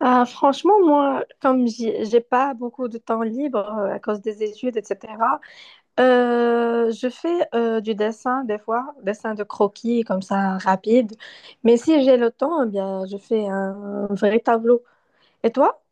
Ah, franchement, moi, comme j'ai pas beaucoup de temps libre à cause des études, etc., je fais du dessin des fois, dessin de croquis comme ça, rapide. Mais si j'ai le temps, eh bien, je fais un vrai tableau. Et toi?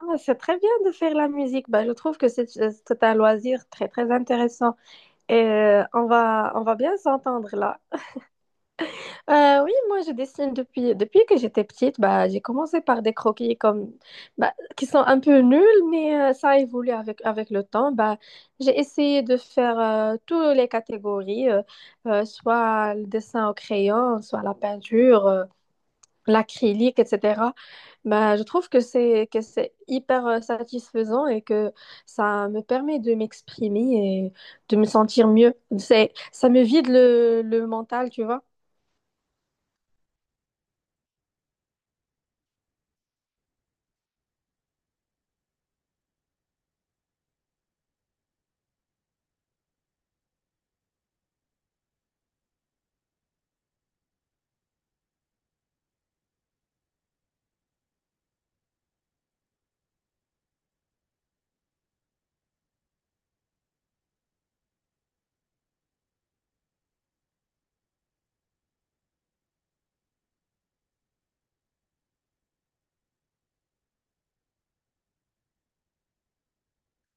Ah, c'est très bien de faire la musique. Bah, je trouve que c'est un loisir très, très intéressant. Et on va bien s'entendre là. Oui, moi je dessine depuis, depuis que j'étais petite. Bah, j'ai commencé par des croquis comme, bah, qui sont un peu nuls, mais ça a évolué avec, avec le temps. Bah, j'ai essayé de faire toutes les catégories, soit le dessin au crayon, soit la peinture, l'acrylique, etc. Bah, je trouve que c'est hyper satisfaisant et que ça me permet de m'exprimer et de me sentir mieux. C'est, ça me vide le mental, tu vois.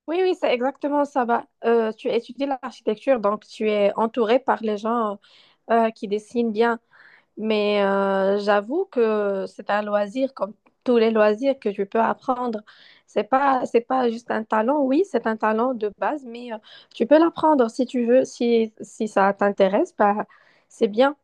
Oui, oui, c'est exactement ça. Bah, tu étudies l'architecture, donc tu es entouré par les gens qui dessinent bien. Mais j'avoue que c'est un loisir comme tous les loisirs que tu peux apprendre. C'est pas juste un talent. Oui, c'est un talent de base, mais tu peux l'apprendre si tu veux, si, si ça t'intéresse, bah, c'est bien.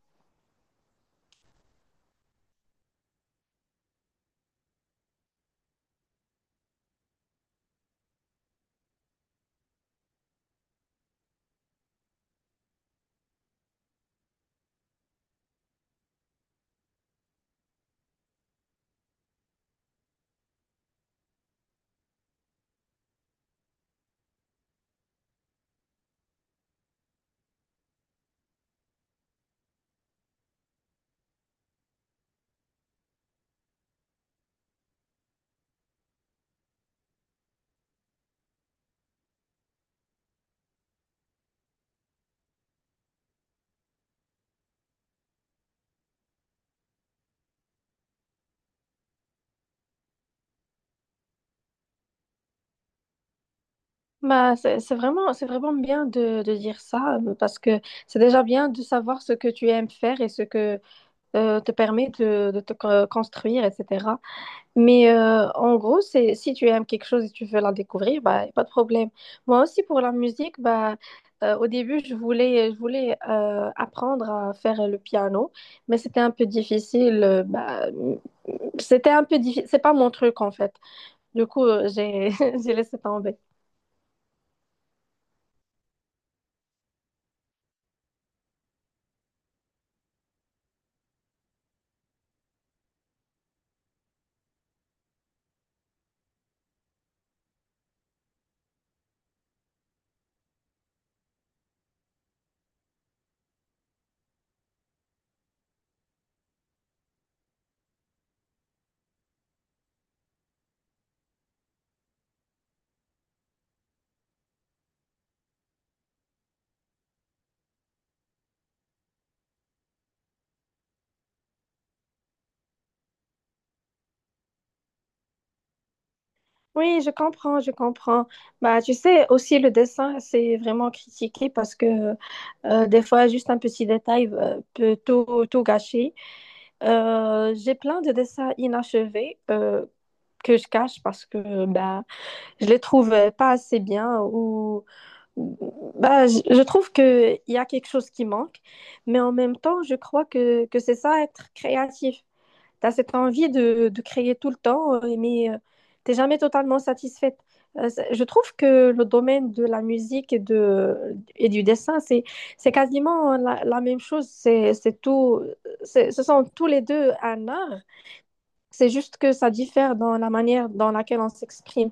Bah, c'est vraiment, c'est vraiment bien de dire ça parce que c'est déjà bien de savoir ce que tu aimes faire et ce que te permet de te co- construire, etc. Mais en gros, c'est, si tu aimes quelque chose et tu veux la découvrir, bah, y a pas de problème. Moi aussi, pour la musique, bah, au début, je voulais apprendre à faire le piano, mais c'était un peu difficile. C'était un peu difficile. C'est pas mon truc, en fait. Du coup, j'ai, j'ai laissé tomber. Oui, je comprends, je comprends. Bah, tu sais, aussi le dessin, c'est vraiment critiqué parce que des fois, juste un petit détail peut tout, tout gâcher. J'ai plein de dessins inachevés que je cache parce que bah, je les trouve pas assez bien ou bah, je trouve qu'il y a quelque chose qui manque. Mais en même temps, je crois que c'est ça, être créatif. Tu as cette envie de créer tout le temps, mais tu n'es jamais totalement satisfaite. Je trouve que le domaine de la musique et, de, et du dessin, c'est quasiment la, la même chose. C'est tout, ce sont tous les deux un art. C'est juste que ça diffère dans la manière dans laquelle on s'exprime.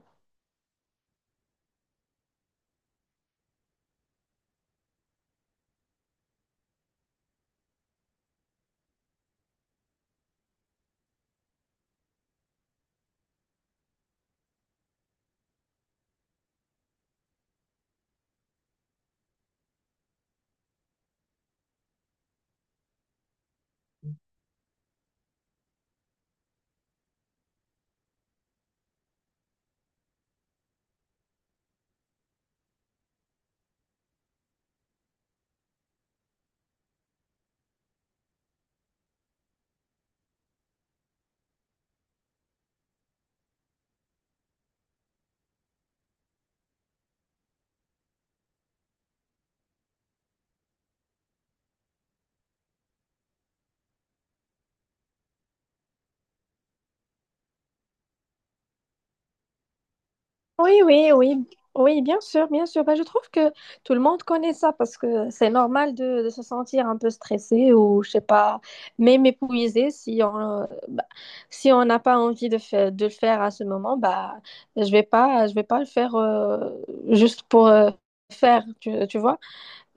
Oui, oui, oui, oui, bien sûr, bien sûr. Bah, je trouve que tout le monde connaît ça parce que c'est normal de se sentir un peu stressé ou, je sais pas, même épuisé si on bah, si on n'a pas envie de, de le faire à ce moment, bah, je vais pas le faire juste pour faire, tu vois.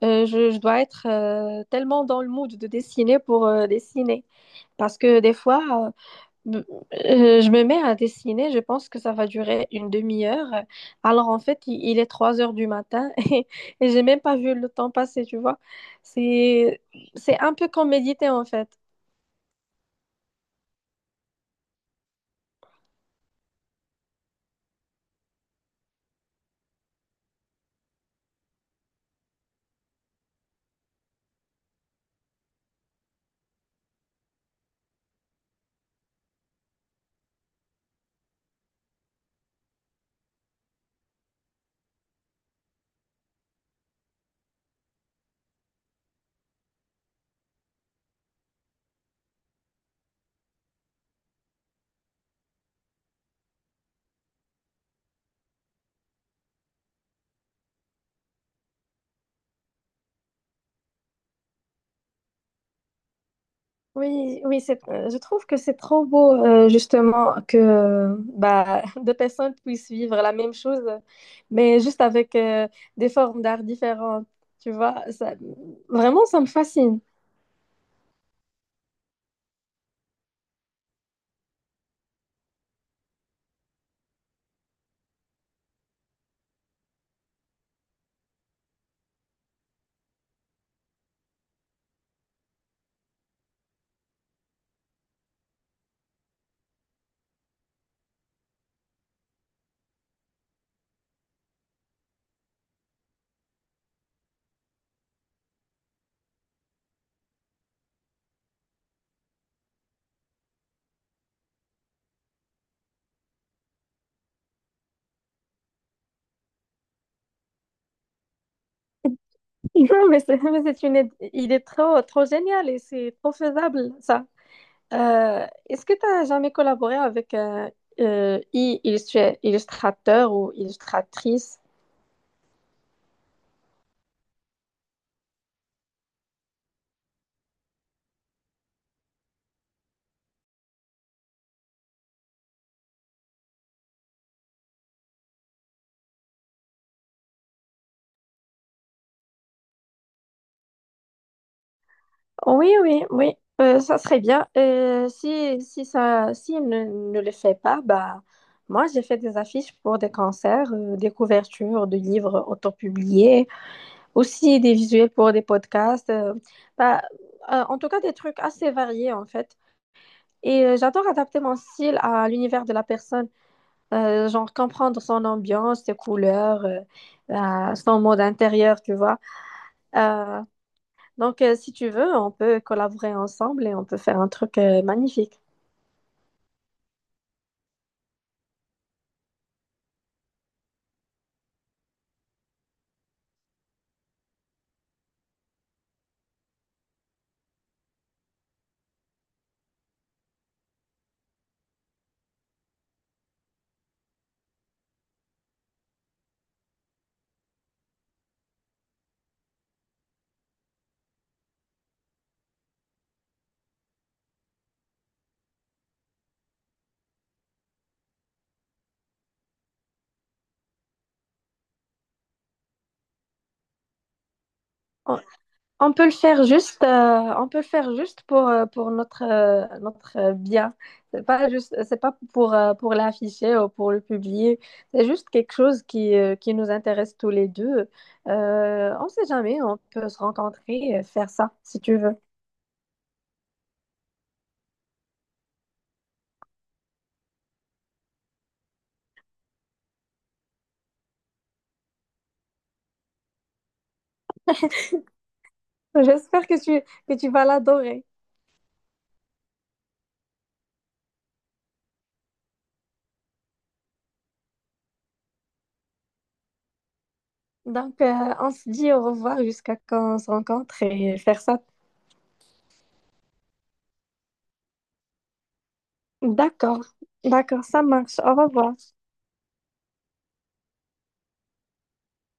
Je dois être tellement dans le mood de dessiner pour dessiner. Parce que des fois, B- je me mets à dessiner, je pense que ça va durer une demi-heure. Alors en fait, il est 3 heures du matin et j'ai même pas vu le temps passer, tu vois. C'est, c'est un peu comme méditer en fait. Oui, oui, c'est, je trouve que c'est trop beau justement que bah, deux personnes puissent vivre la même chose, mais juste avec des formes d'art différentes, tu vois. Ça, vraiment, ça me fascine. Non, mais c'est il est trop, trop génial et c'est trop faisable, ça. Est-ce que tu as jamais collaboré avec un illustrateur ou illustratrice? Oui, oui, oui. Ça serait bien. Si, si ça, si il ne, ne le fait pas, bah, moi, j'ai fait des affiches pour des concerts, des couvertures de livres autopubliés, aussi des visuels pour des podcasts. Bah, En tout cas, des trucs assez variés, en fait. Et j'adore adapter mon style à l'univers de la personne. Genre comprendre son ambiance, ses couleurs, son mode intérieur, tu vois. Euh, donc, si tu veux, on peut collaborer ensemble et on peut faire un truc magnifique. Oh, on peut le faire juste, on peut le faire juste pour notre, notre bien. C'est pas juste, c'est pas pour, pour l'afficher ou pour le publier. C'est juste quelque chose qui nous intéresse tous les deux. On sait jamais, on peut se rencontrer et faire ça si tu veux. J'espère que tu vas l'adorer. Donc, on se dit au revoir jusqu'à quand on se rencontre et faire ça. D'accord, d'accord, ça marche. Au revoir.